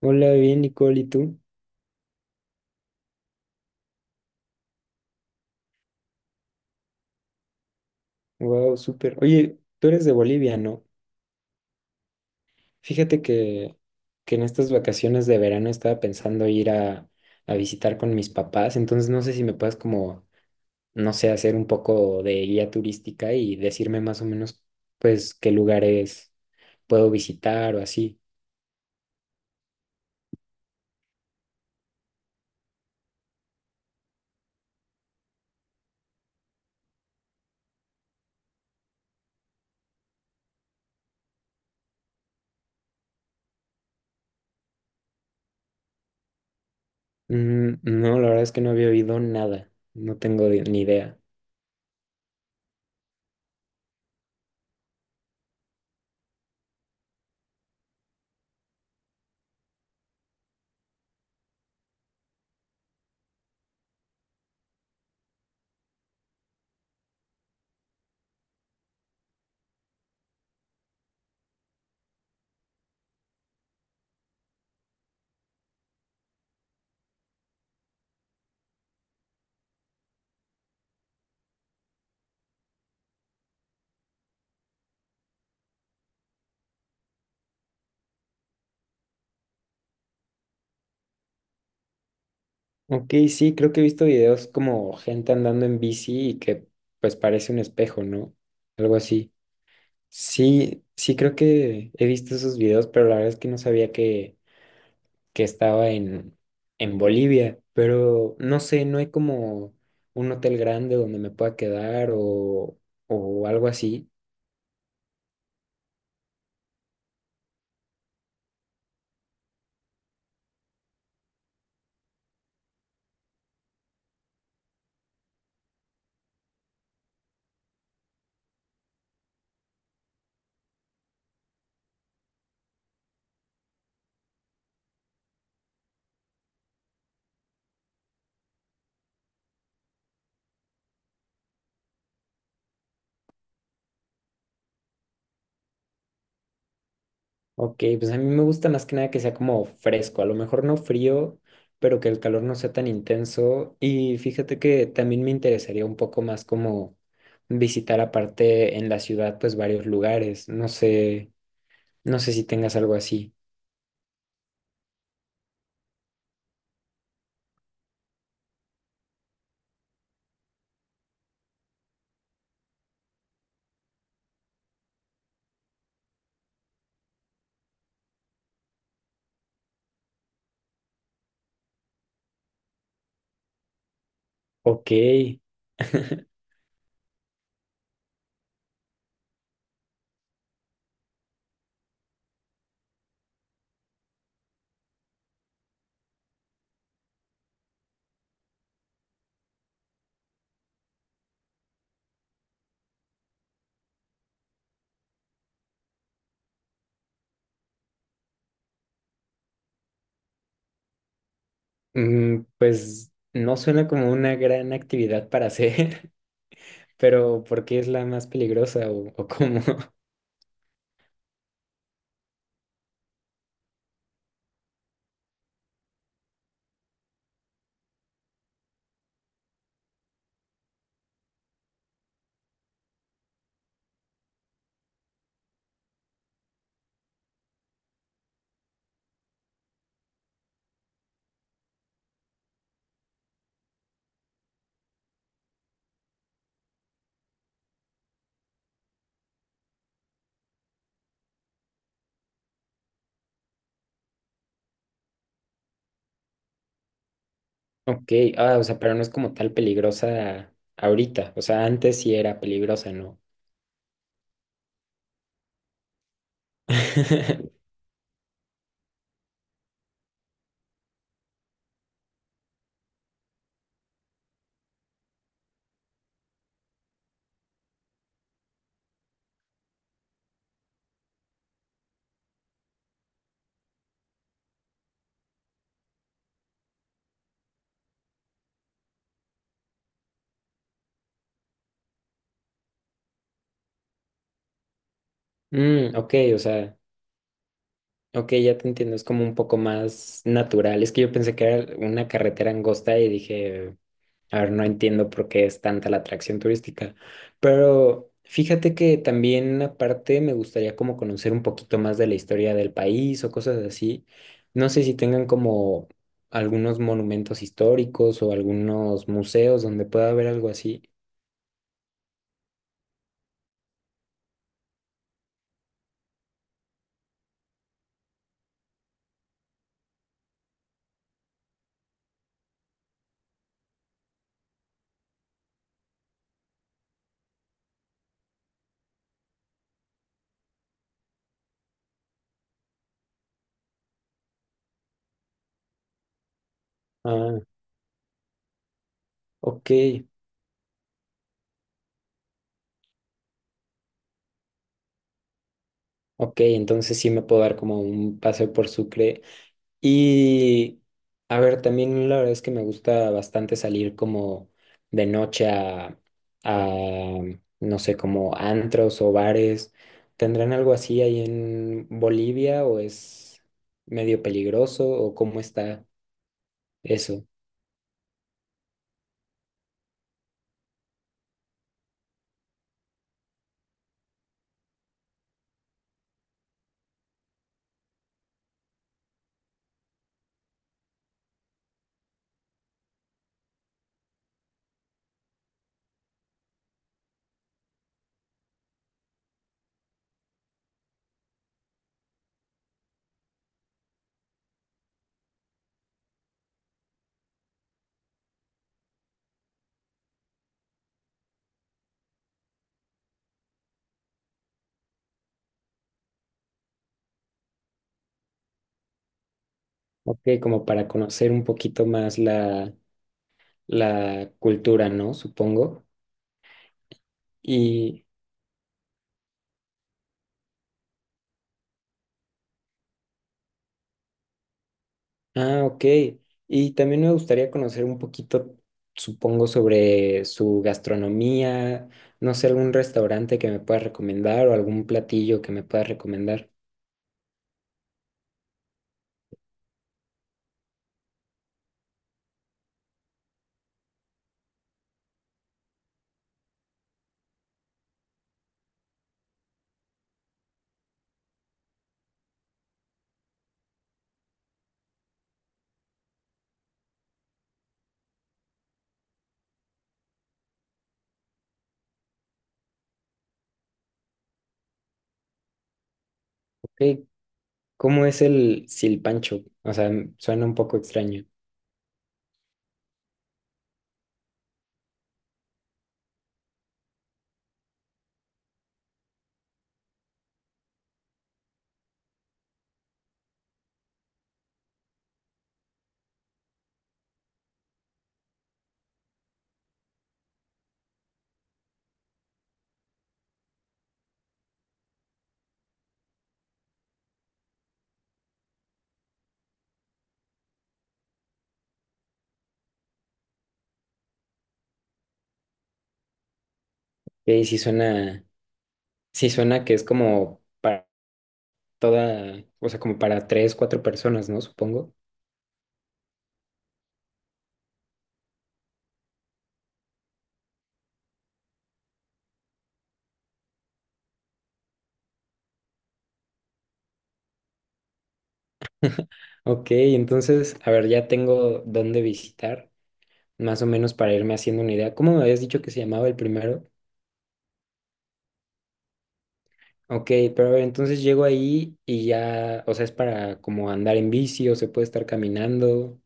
Hola, bien, Nicole, ¿y tú? Wow, súper. Oye, tú eres de Bolivia, ¿no? Fíjate que en estas vacaciones de verano estaba pensando ir a visitar con mis papás, entonces no sé si me puedes como, no sé, hacer un poco de guía turística y decirme más o menos, pues, qué lugares puedo visitar o así. Mm, no, la verdad es que no había oído nada, no tengo ni idea. Ok, sí, creo que he visto videos como gente andando en bici y que pues parece un espejo, ¿no? Algo así. Sí, sí creo que he visto esos videos, pero la verdad es que no sabía que estaba en Bolivia. Pero no sé, no hay como un hotel grande donde me pueda quedar o algo así. Ok, pues a mí me gusta más que nada que sea como fresco, a lo mejor no frío, pero que el calor no sea tan intenso. Y fíjate que también me interesaría un poco más como visitar aparte en la ciudad, pues varios lugares. No sé, no sé si tengas algo así. Ok. Mm, pues no suena como una gran actividad para hacer. Pero ¿por qué es la más peligrosa o cómo? Ok, ah, o sea, pero no es como tal peligrosa ahorita. O sea, antes sí era peligrosa, ¿no? Mm, ok, o sea, ok, ya te entiendo. Es como un poco más natural. Es que yo pensé que era una carretera angosta y dije. A ver, no entiendo por qué es tanta la atracción turística, pero fíjate que también aparte me gustaría como conocer un poquito más de la historia del país o cosas así. No sé si tengan como algunos monumentos históricos o algunos museos donde pueda haber algo así. Ah, ok, ok, entonces sí me puedo dar como un paseo por Sucre. Y a ver, también la verdad es que me gusta bastante salir como de noche a, no sé, como antros o bares. ¿Tendrán algo así ahí en Bolivia o es medio peligroso o cómo está eso? Ok, como para conocer un poquito más la cultura, ¿no? Supongo. Y ah, ok. Y también me gustaría conocer un poquito, supongo, sobre su gastronomía, no sé, algún restaurante que me puedas recomendar o algún platillo que me puedas recomendar. Ok, ¿cómo es el silpancho? O sea, suena un poco extraño. Ok, sí suena que es como para toda, o sea, como para tres, cuatro personas, ¿no? Supongo. Ok, entonces, a ver, ya tengo dónde visitar, más o menos para irme haciendo una idea. ¿Cómo me habías dicho que se llamaba el primero? Ok, pero a ver, entonces llego ahí y ya, o sea, es para como andar en bici o se puede estar caminando.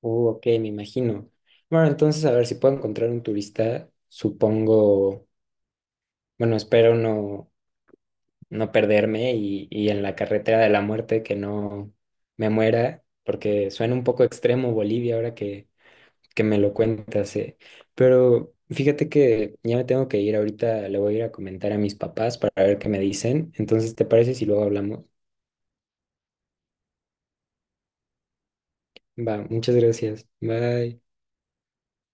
Ok, me imagino. Bueno, entonces a ver si puedo encontrar un turista, supongo, bueno, espero no, no perderme y en la carretera de la muerte que no me muera, porque suena un poco extremo Bolivia ahora que me lo cuentas, eh. Pero fíjate que ya me tengo que ir ahorita, le voy a ir a comentar a mis papás para ver qué me dicen. Entonces, ¿te parece si luego hablamos? Va, muchas gracias. Bye.